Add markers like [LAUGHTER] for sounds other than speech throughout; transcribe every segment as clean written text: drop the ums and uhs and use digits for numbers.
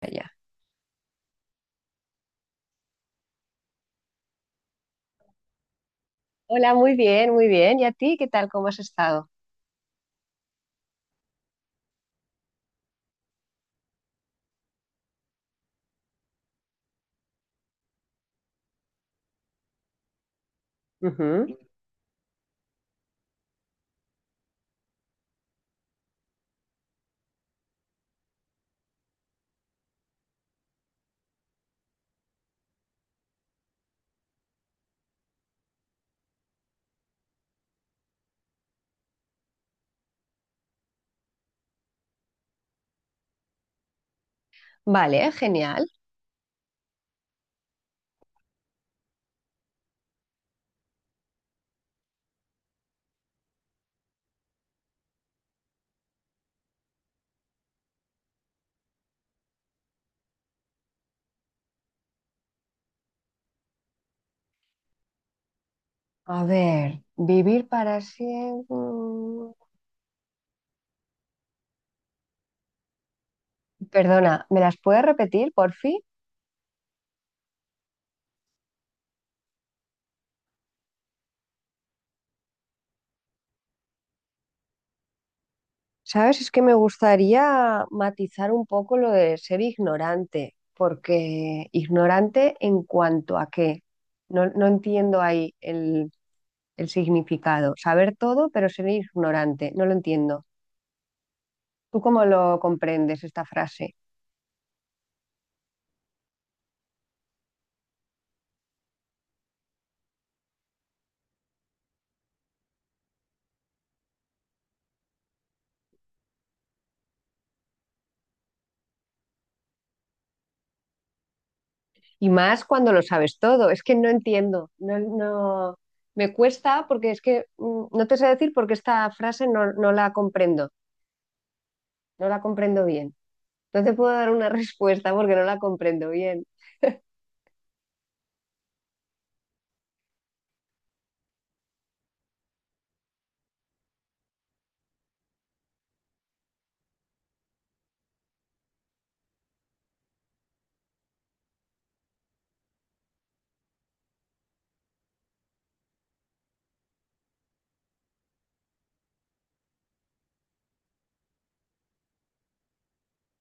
Allá. Hola, muy bien, muy bien. ¿Y a ti qué tal? ¿Cómo has estado? Ujú. Vale, genial. A ver, vivir para siempre. Perdona, ¿me las puedes repetir, por fin? Sabes, es que me gustaría matizar un poco lo de ser ignorante, porque ignorante en cuanto a qué. No, no entiendo ahí el significado. Saber todo, pero ser ignorante. No lo entiendo. ¿Tú cómo lo comprendes esta frase? Y más cuando lo sabes todo. Es que no entiendo. No, no, me cuesta porque es que no te sé decir porque esta frase no la comprendo. No la comprendo bien. No te puedo dar una [LAUGHS] respuesta porque no la comprendo bien.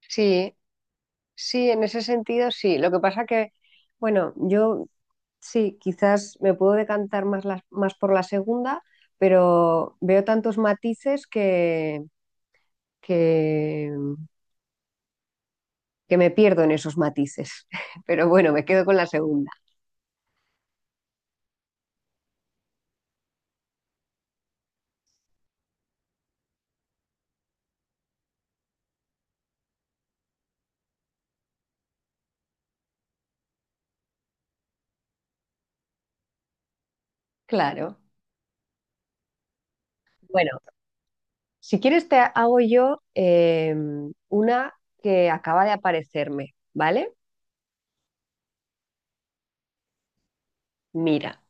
Sí, sí, en ese sentido sí. Lo que pasa que, bueno, yo sí, quizás me puedo decantar más, más por la segunda, pero veo tantos matices que, que me pierdo en esos matices. [LAUGHS] Pero bueno, me quedo con la segunda. Claro. Bueno, si quieres te hago yo una que acaba de aparecerme, ¿vale? Mira,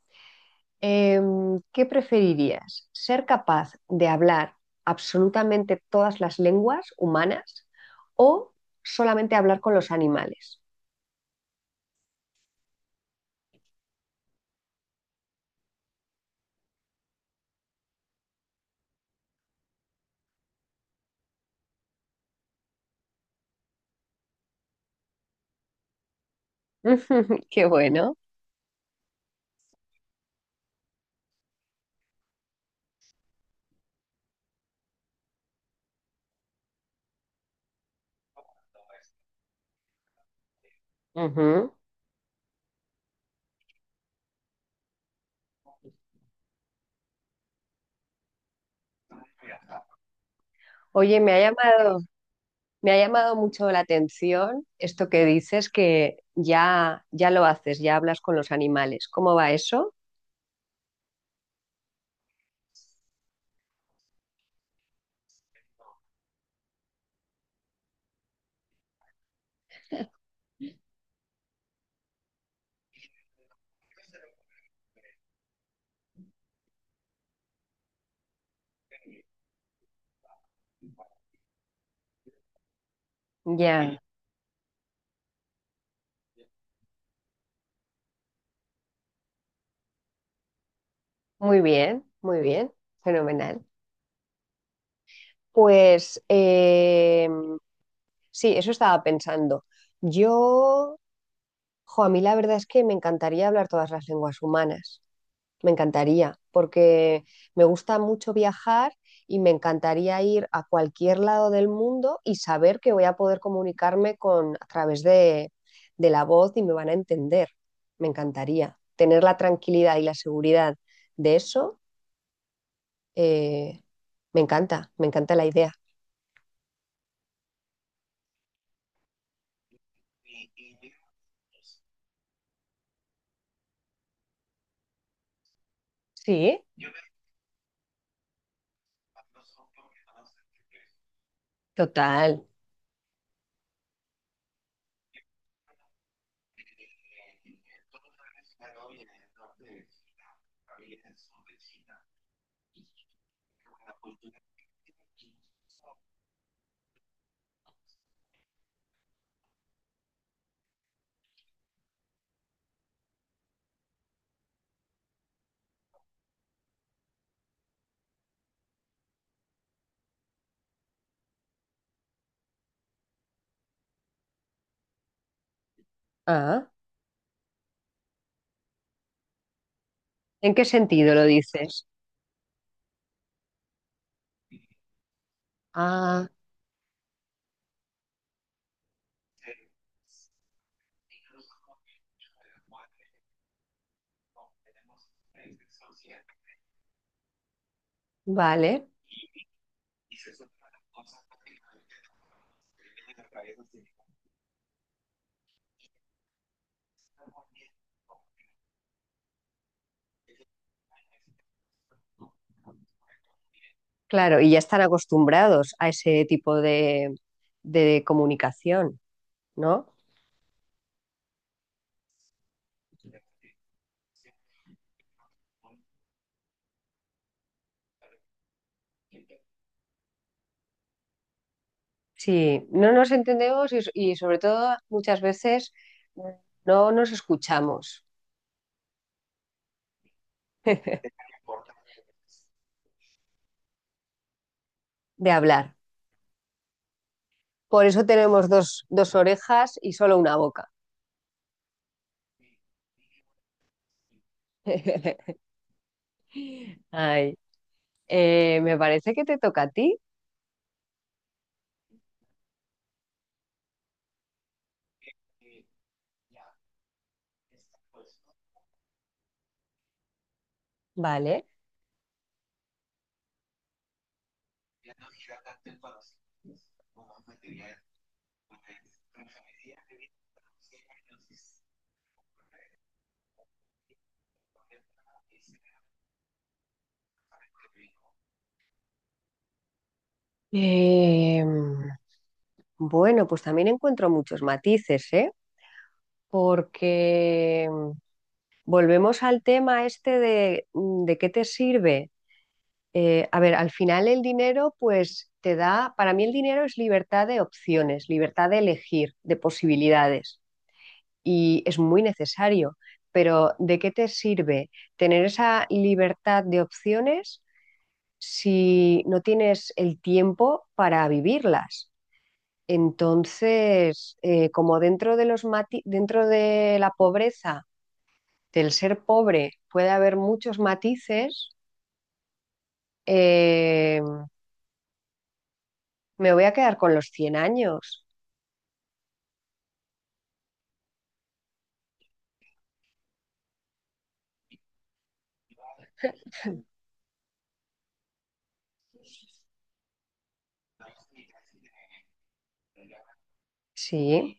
¿qué preferirías? ¿Ser capaz de hablar absolutamente todas las lenguas humanas o solamente hablar con los animales? [LAUGHS] Qué bueno. Ujú. Oye, me ha llamado mucho la atención esto que dices que ya lo haces, ya hablas con los animales. ¿Cómo va eso? Ya. Muy bien, fenomenal. Pues sí, eso estaba pensando. Yo, jo, a mí la verdad es que me encantaría hablar todas las lenguas humanas. Me encantaría, porque me gusta mucho viajar y me encantaría ir a cualquier lado del mundo y saber que voy a poder comunicarme con a través de la voz y me van a entender. Me encantaría tener la tranquilidad y la seguridad de eso. Eh, me encanta la idea. Sí, total. Ah, ¿en qué sentido lo dices? Ah, vale, claro, y ya están acostumbrados a ese tipo de comunicación, ¿no? Sí, no nos entendemos y sobre todo muchas veces no nos escuchamos [LAUGHS] de hablar. Por eso tenemos dos, dos orejas y solo una boca. [LAUGHS] Ay, me parece que te toca a ti, ¿vale? Eh, bueno, pues también encuentro muchos matices, ¿eh? Porque volvemos al tema este de qué te sirve. A ver, al final el dinero, pues te da, para mí el dinero es libertad de opciones, libertad de elegir, de posibilidades, y es muy necesario. Pero ¿de qué te sirve tener esa libertad de opciones si no tienes el tiempo para vivirlas? Entonces, como dentro de la pobreza, del ser pobre, puede haber muchos matices, eh, me voy a quedar con los 100 años. Sí,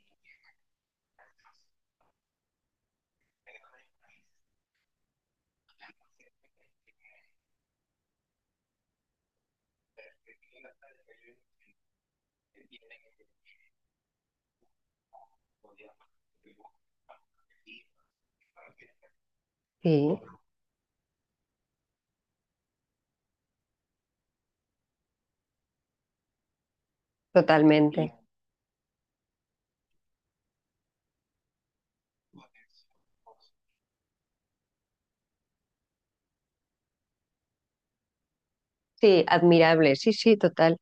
sí, totalmente. Sí, admirable, sí, sí, total.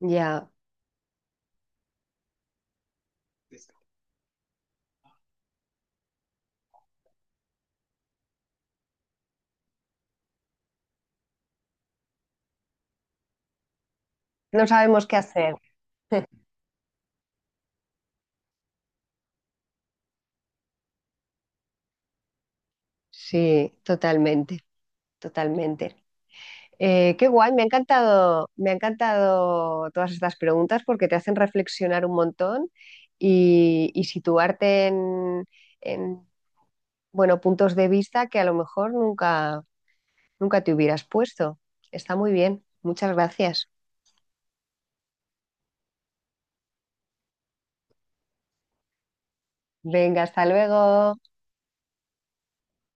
Ya, no sabemos qué hacer. Sí, totalmente, totalmente. Qué guay, me ha encantado todas estas preguntas porque te hacen reflexionar un montón y situarte en, bueno, puntos de vista que a lo mejor nunca, nunca te hubieras puesto. Está muy bien, muchas gracias. Venga, hasta luego.